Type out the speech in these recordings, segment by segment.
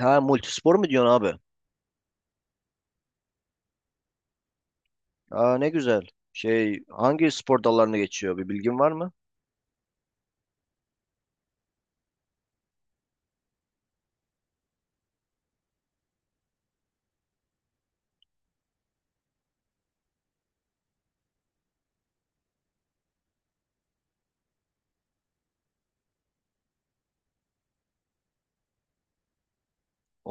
Ha multispor mu diyorsun abi? Aa ne güzel. Şey hangi spor dallarına geçiyor bir bilgin var mı?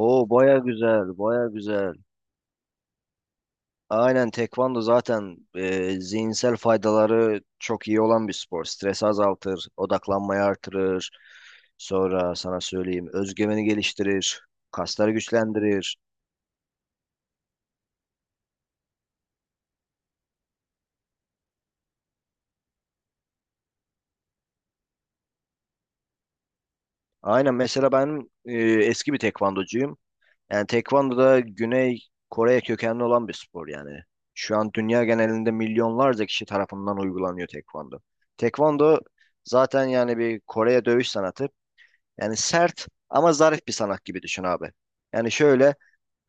Oo baya güzel baya güzel. Aynen tekvando zaten zihinsel faydaları çok iyi olan bir spor. Stres azaltır, odaklanmayı artırır. Sonra sana söyleyeyim özgüveni geliştirir, kasları güçlendirir. Aynen mesela ben eski bir tekvandocuyum. Yani tekvando da Güney Kore kökenli olan bir spor yani. Şu an dünya genelinde milyonlarca kişi tarafından uygulanıyor tekvando. Tekvando zaten yani bir Kore'ye dövüş sanatı. Yani sert ama zarif bir sanat gibi düşün abi. Yani şöyle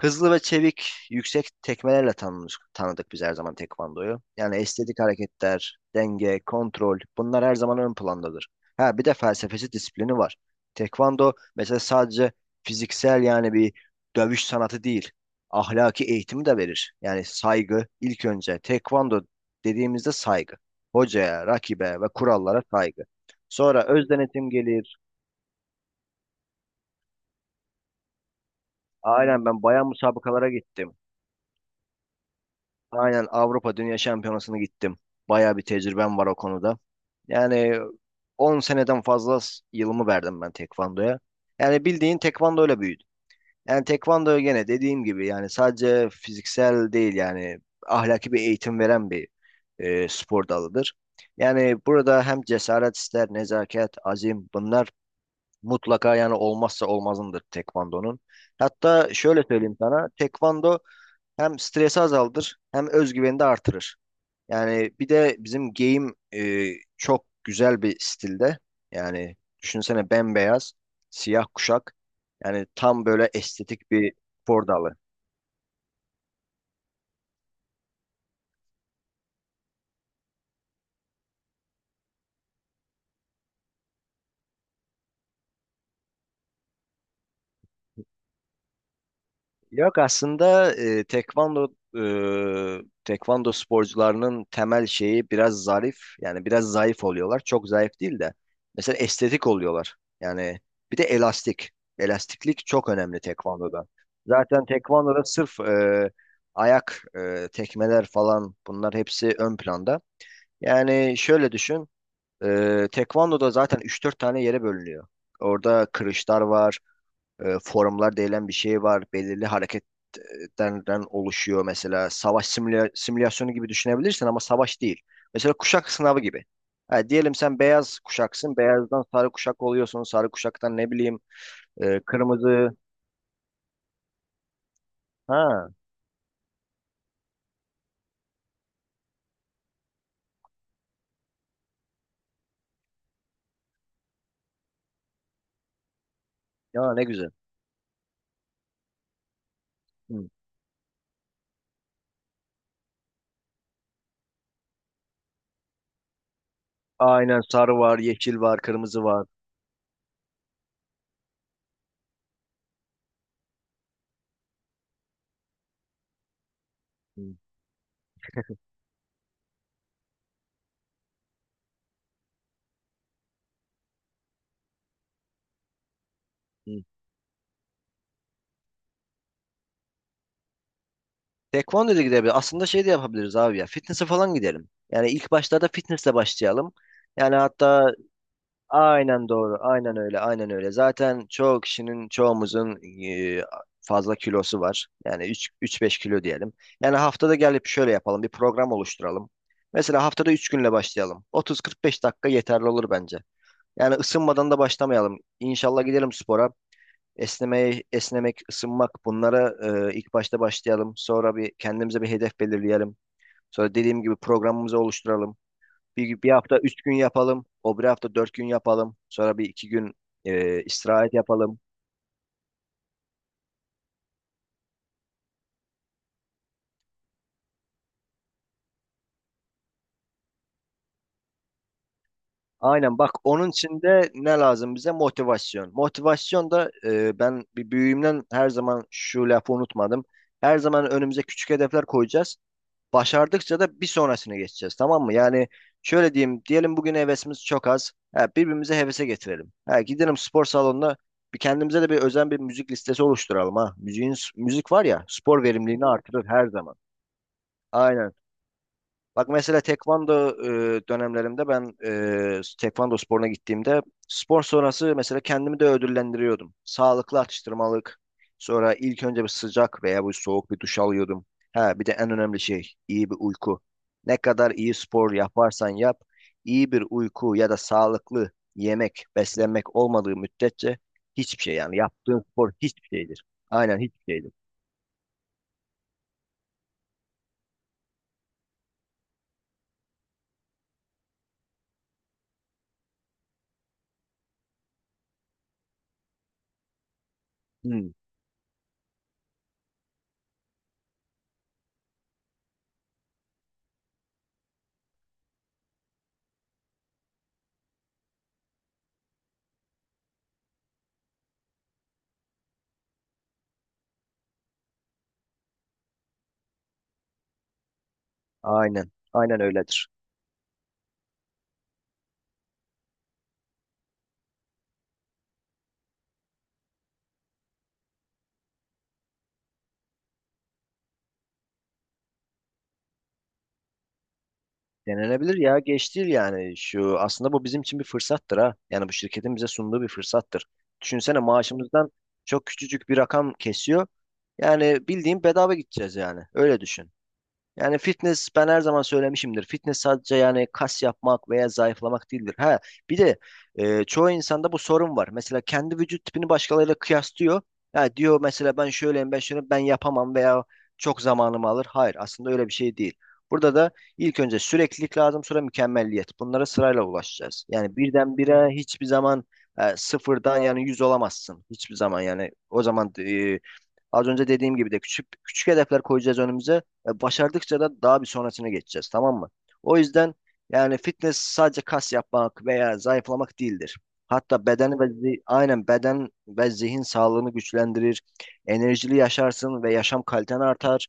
hızlı ve çevik, yüksek tekmelerle tanıdık biz her zaman tekvandoyu. Yani estetik hareketler, denge, kontrol bunlar her zaman ön plandadır. Ha bir de felsefesi, disiplini var. Tekvando mesela sadece fiziksel yani bir dövüş sanatı değil. Ahlaki eğitimi de verir. Yani saygı ilk önce. Tekvando dediğimizde saygı. Hocaya, rakibe ve kurallara saygı. Sonra öz denetim gelir. Aynen ben bayan müsabakalara gittim. Aynen Avrupa Dünya Şampiyonası'na gittim. Bayağı bir tecrübem var o konuda. Yani 10 seneden fazla yılımı verdim ben tekvandoya. Yani bildiğin tekvandoyla büyüdüm. Yani tekvando gene dediğim gibi yani sadece fiziksel değil yani ahlaki bir eğitim veren bir spor dalıdır. Yani burada hem cesaret ister, nezaket, azim bunlar mutlaka yani olmazsa olmazındır tekvandonun. Hatta şöyle söyleyeyim sana, tekvando hem stresi azaldır hem özgüveni de artırır. Yani bir de bizim game çok güzel bir stilde. Yani düşünsene bembeyaz, siyah kuşak. Yani tam böyle estetik bir spor dalı. Yok aslında tekvando sporcularının temel şeyi biraz zarif yani biraz zayıf oluyorlar. Çok zayıf değil de mesela estetik oluyorlar. Yani bir de elastik. Elastiklik çok önemli tekvandoda. Zaten tekvandoda sırf ayak tekmeler falan bunlar hepsi ön planda. Yani şöyle düşün. Tekvandoda zaten üç dört tane yere bölünüyor. Orada kırışlar var forumlar denilen bir şey var. Belirli hareketlerden oluşuyor. Mesela savaş simülasyonu gibi düşünebilirsin ama savaş değil. Mesela kuşak sınavı gibi. Ha, diyelim sen beyaz kuşaksın. Beyazdan sarı kuşak oluyorsun. Sarı kuşaktan ne bileyim kırmızı. Ha, ya ne güzel. Hı. Aynen sarı var, yeşil var, kırmızı var. Hı, hı. Tekvando da gidebilir. Aslında şey de yapabiliriz abi ya. Fitness'e falan gidelim. Yani ilk başlarda fitness'le başlayalım. Yani hatta, aynen doğru. Aynen öyle. Aynen öyle. Zaten çoğu kişinin, çoğumuzun e, fazla kilosu var. Yani 3 3-5 kilo diyelim. Yani haftada gelip şöyle yapalım. Bir program oluşturalım. Mesela haftada 3 günle başlayalım. 30-45 dakika yeterli olur bence. Yani ısınmadan da başlamayalım. İnşallah gidelim spora. Esnemeye, esnemek, ısınmak bunlara ilk başta başlayalım. Sonra bir kendimize bir hedef belirleyelim. Sonra dediğim gibi programımızı oluşturalım. Bir hafta üç gün yapalım. O bir hafta dört gün yapalım. Sonra bir iki gün istirahat yapalım. Aynen bak onun için de ne lazım bize? Motivasyon. Motivasyon da ben bir büyüğümden her zaman şu lafı unutmadım. Her zaman önümüze küçük hedefler koyacağız. Başardıkça da bir sonrasına geçeceğiz tamam mı? Yani şöyle diyeyim diyelim bugün hevesimiz çok az. Ha, birbirimize hevese getirelim. Ha, gidelim spor salonuna bir kendimize de bir özen bir müzik listesi oluşturalım ha. Müzik var ya spor verimliliğini artırır her zaman. Aynen. Bak mesela tekvando dönemlerimde ben tekvando sporuna gittiğimde spor sonrası mesela kendimi de ödüllendiriyordum. Sağlıklı atıştırmalık. Sonra ilk önce bir sıcak veya bu soğuk bir duş alıyordum. Ha bir de en önemli şey iyi bir uyku. Ne kadar iyi spor yaparsan yap, iyi bir uyku ya da sağlıklı yemek, beslenmek olmadığı müddetçe hiçbir şey yani yaptığın spor hiçbir şeydir. Aynen hiçbir şeydir. Hmm. Aynen. Aynen öyledir. Denenebilir ya geç değil yani şu aslında bu bizim için bir fırsattır ha. Yani bu şirketin bize sunduğu bir fırsattır. Düşünsene maaşımızdan çok küçücük bir rakam kesiyor. Yani bildiğin bedava gideceğiz yani. Öyle düşün. Yani fitness ben her zaman söylemişimdir. Fitness sadece yani kas yapmak veya zayıflamak değildir. Ha, bir de çoğu insanda bu sorun var. Mesela kendi vücut tipini başkalarıyla kıyaslıyor. Ya diyor mesela ben şöyleyim ben şöyle ben yapamam veya çok zamanımı alır. Hayır aslında öyle bir şey değil. Burada da ilk önce süreklilik lazım sonra mükemmelliyet. Bunlara sırayla ulaşacağız. Yani birdenbire hiçbir zaman sıfırdan yani yüz olamazsın. Hiçbir zaman yani o zaman az önce dediğim gibi de küçük küçük hedefler koyacağız önümüze. Başardıkça da daha bir sonrasına geçeceğiz tamam mı? O yüzden yani fitness sadece kas yapmak veya zayıflamak değildir. Hatta beden ve aynen beden ve zihin sağlığını güçlendirir. Enerjili yaşarsın ve yaşam kaliten artar.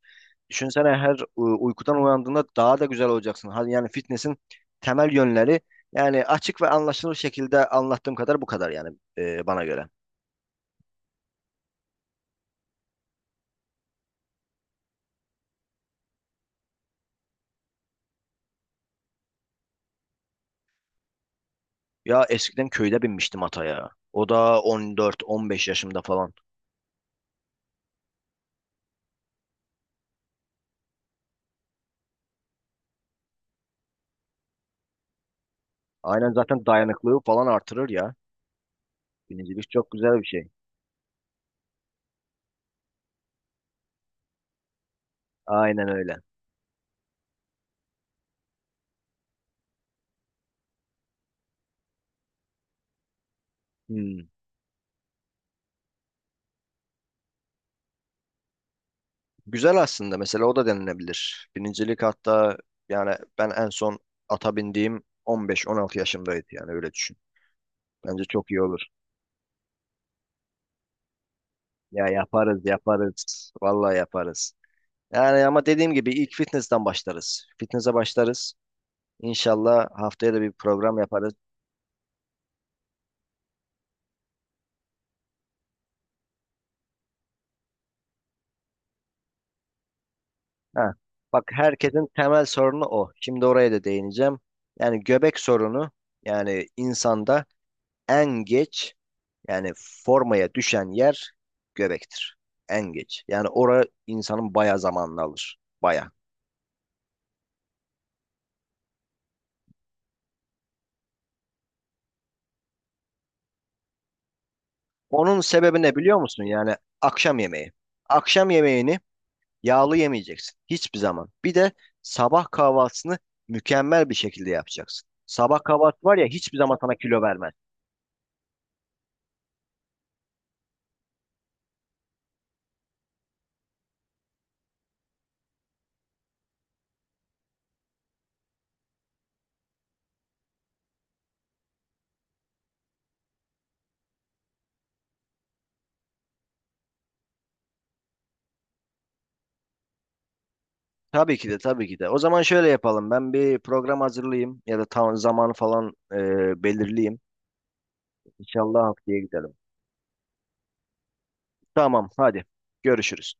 Düşünsene her uykudan uyandığında daha da güzel olacaksın. Hadi yani fitness'in temel yönleri yani açık ve anlaşılır şekilde anlattığım kadar bu kadar yani bana göre. Ya eskiden köyde binmiştim ataya. O da 14-15 yaşımda falan. Aynen zaten dayanıklılığı falan artırır ya. Binicilik çok güzel bir şey. Aynen öyle. Hmm. Güzel aslında. Mesela o da denilebilir. Binicilik hatta yani ben en son ata bindiğim 15-16 yaşımdaydı yani öyle düşün. Bence çok iyi olur. Ya yaparız yaparız. Vallahi yaparız. Yani ama dediğim gibi ilk fitness'ten başlarız. Fitness'e başlarız. İnşallah haftaya da bir program yaparız. Ha, bak herkesin temel sorunu o. Şimdi oraya da değineceğim. Yani göbek sorunu yani insanda en geç yani formaya düşen yer göbektir. En geç. Yani oraya insanın baya zamanını alır. Baya. Onun sebebi ne biliyor musun? Yani akşam yemeği. Akşam yemeğini yağlı yemeyeceksin. Hiçbir zaman. Bir de sabah kahvaltısını mükemmel bir şekilde yapacaksın. Sabah kahvaltı var ya hiçbir zaman sana kilo vermez. Tabii ki de tabii ki de. O zaman şöyle yapalım. Ben bir program hazırlayayım ya da tam zamanı falan belirleyeyim. İnşallah haftaya gidelim. Tamam hadi. Görüşürüz.